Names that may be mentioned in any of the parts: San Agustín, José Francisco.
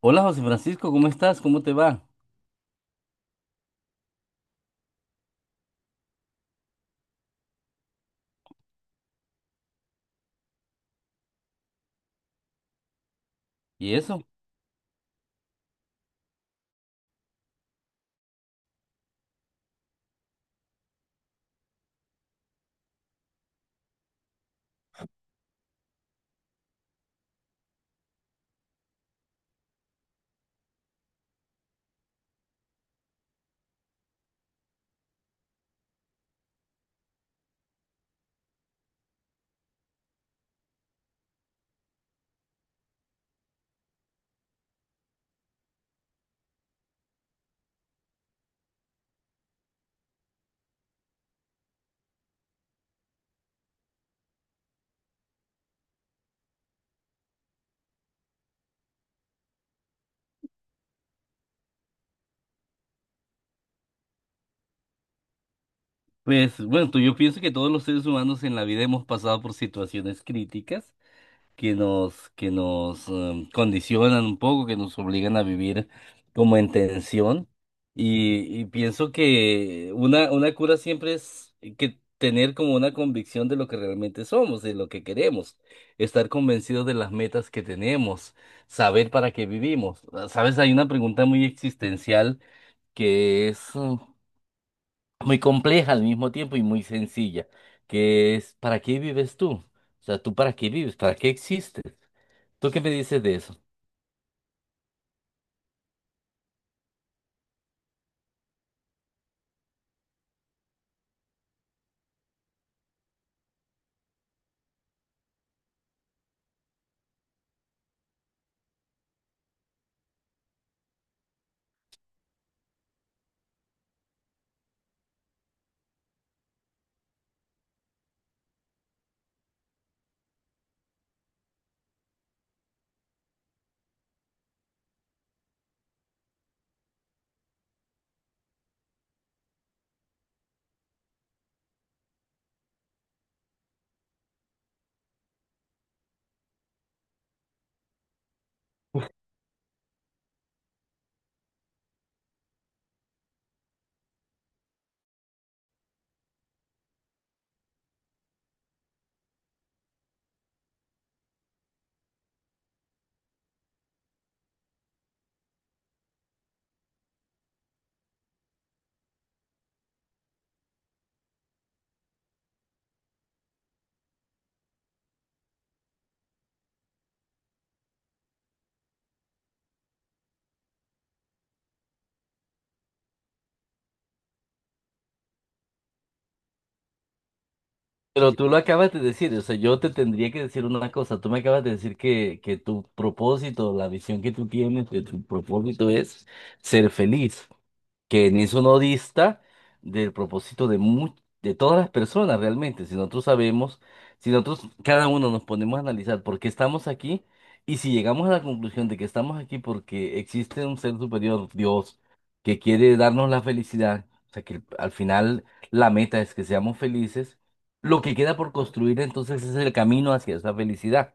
Hola, José Francisco, ¿cómo estás? ¿Cómo te va? ¿Y eso? Pues bueno, yo pienso que todos los seres humanos en la vida hemos pasado por situaciones críticas que nos, condicionan un poco, que nos obligan a vivir como en tensión. Y pienso que una cura siempre es que tener como una convicción de lo que realmente somos, de lo que queremos, estar convencidos de las metas que tenemos, saber para qué vivimos. Sabes, hay una pregunta muy existencial que es muy compleja al mismo tiempo y muy sencilla, que es ¿para qué vives tú? O sea, ¿tú para qué vives? ¿Para qué existes? ¿Tú qué me dices de eso? Pero tú lo acabas de decir, o sea, yo te tendría que decir una cosa, tú me acabas de decir que tu propósito, la visión que tú tienes de tu propósito es ser feliz. Que en eso no dista del propósito de todas las personas realmente. Si nosotros sabemos, si nosotros cada uno nos ponemos a analizar por qué estamos aquí y si llegamos a la conclusión de que estamos aquí porque existe un ser superior, Dios, que quiere darnos la felicidad, o sea que al final la meta es que seamos felices, lo que queda por construir entonces es el camino hacia esa felicidad.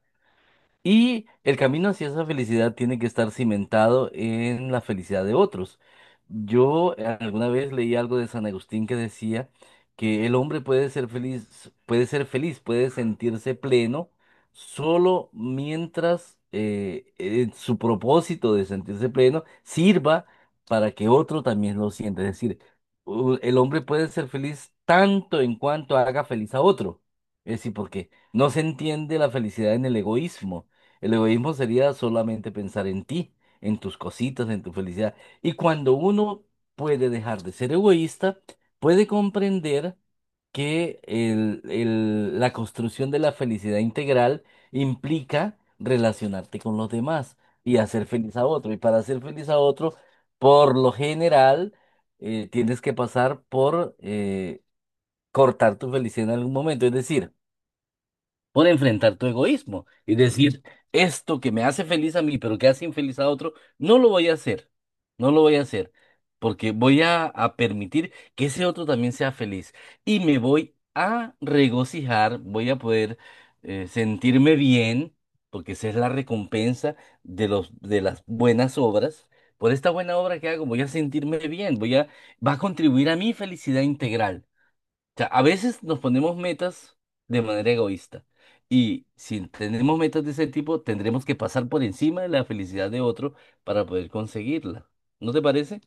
Y el camino hacia esa felicidad tiene que estar cimentado en la felicidad de otros. Yo alguna vez leí algo de San Agustín que decía que el hombre puede ser feliz, puede ser feliz, puede sentirse pleno solo mientras su propósito de sentirse pleno sirva para que otro también lo sienta. Es decir, el hombre puede ser feliz tanto en cuanto haga feliz a otro. Es decir, porque no se entiende la felicidad en el egoísmo. El egoísmo sería solamente pensar en ti, en tus cositas, en tu felicidad. Y cuando uno puede dejar de ser egoísta, puede comprender que la construcción de la felicidad integral implica relacionarte con los demás y hacer feliz a otro. Y para hacer feliz a otro, por lo general, tienes que pasar por cortar tu felicidad en algún momento. Es decir, por enfrentar tu egoísmo y decir, esto que me hace feliz a mí, pero que hace infeliz a otro, no lo voy a hacer, no lo voy a hacer, porque voy a permitir que ese otro también sea feliz y me voy a regocijar, voy a poder sentirme bien, porque esa es la recompensa de los, de las buenas obras. Por esta buena obra que hago, voy a sentirme bien, voy a, va a contribuir a mi felicidad integral sea, a veces nos ponemos metas de manera egoísta. Y si tenemos metas de ese tipo, tendremos que pasar por encima de la felicidad de otro para poder conseguirla. ¿No te parece?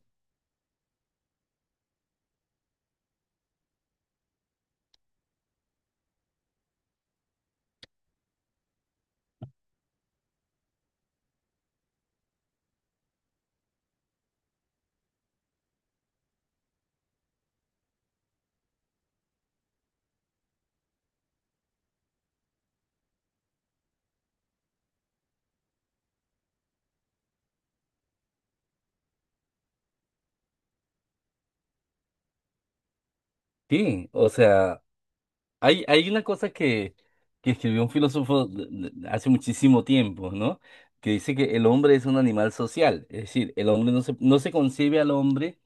Sí, o sea, hay una cosa que escribió un filósofo hace muchísimo tiempo, ¿no? Que dice que el hombre es un animal social. Es decir, el hombre no se, no se concibe al hombre.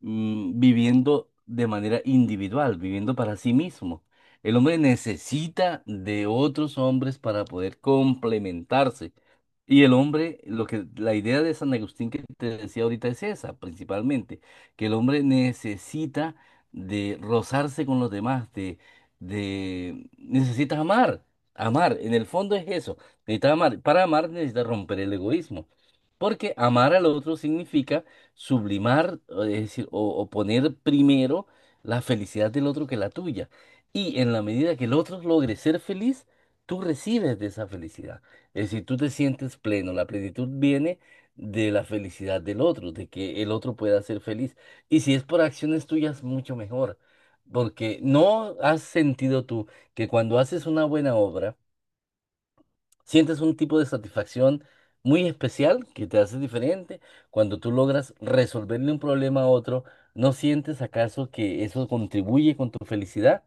Viviendo de manera individual, viviendo para sí mismo. El hombre necesita de otros hombres para poder complementarse. Y el hombre, lo que la idea de San Agustín que te decía ahorita es esa, principalmente, que el hombre necesita de rozarse con los demás, de necesitas amar, amar, en el fondo es eso, necesitas amar, para amar necesitas romper el egoísmo, porque amar al otro significa sublimar, es decir, o poner primero la felicidad del otro que la tuya. Y en la medida que el otro logre ser feliz, tú recibes de esa felicidad. Es decir, tú te sientes pleno. La plenitud viene de la felicidad del otro, de que el otro pueda ser feliz. Y si es por acciones tuyas, mucho mejor. Porque no has sentido tú que cuando haces una buena obra, sientes un tipo de satisfacción muy especial que te hace diferente cuando tú logras resolverle un problema a otro. ¿No sientes acaso que eso contribuye con tu felicidad?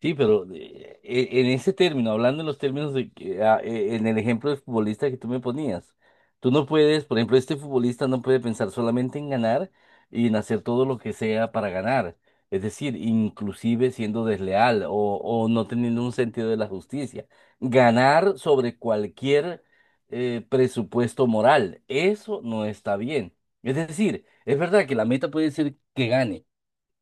Sí, pero en ese término, hablando en los términos de que, en el ejemplo del futbolista que tú me ponías, tú no puedes, por ejemplo, este futbolista no puede pensar solamente en ganar y en hacer todo lo que sea para ganar. Es decir, inclusive siendo desleal o no teniendo un sentido de la justicia. Ganar sobre cualquier presupuesto moral, eso no está bien. Es decir, es verdad que la meta puede ser que gane.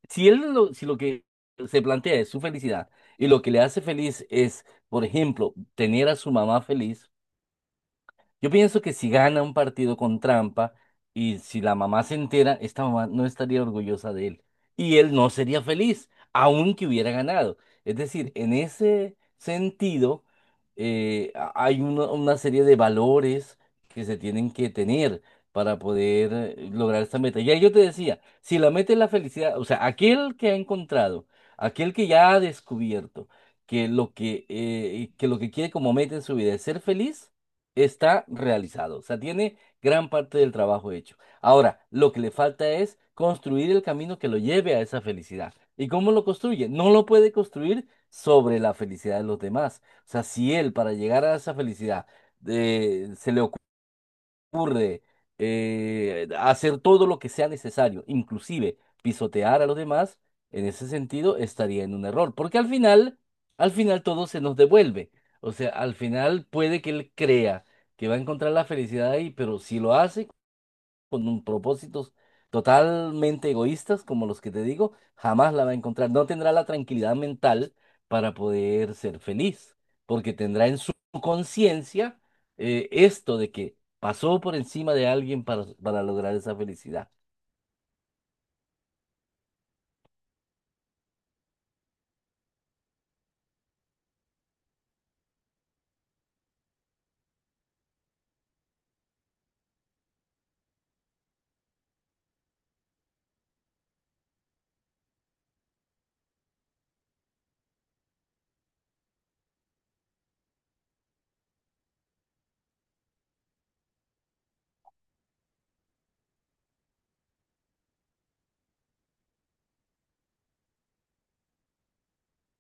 Si lo que se plantea es su felicidad y lo que le hace feliz es, por ejemplo, tener a su mamá feliz, yo pienso que si gana un partido con trampa y si la mamá se entera, esta mamá no estaría orgullosa de él y él no sería feliz, aunque hubiera ganado. Es decir, en ese sentido, hay una serie de valores que se tienen que tener para poder lograr esta meta. Ya yo te decía, si la meta es la felicidad, o sea, aquel que ha encontrado, aquel que ya ha descubierto que lo que quiere como meta en su vida es ser feliz, está realizado, o sea, tiene gran parte del trabajo hecho. Ahora, lo que le falta es construir el camino que lo lleve a esa felicidad. ¿Y cómo lo construye? No lo puede construir sobre la felicidad de los demás. O sea, si él para llegar a esa felicidad se le ocurre hacer todo lo que sea necesario, inclusive pisotear a los demás, en ese sentido estaría en un error, porque al final todo se nos devuelve. O sea, al final puede que él crea que va a encontrar la felicidad ahí, pero si lo hace, con un propósitos totalmente egoístas, como los que te digo, jamás la va a encontrar. No tendrá la tranquilidad mental para poder ser feliz, porque tendrá en su conciencia esto de que pasó por encima de alguien para lograr esa felicidad.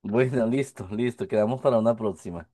Bueno, listo, listo, quedamos para una próxima.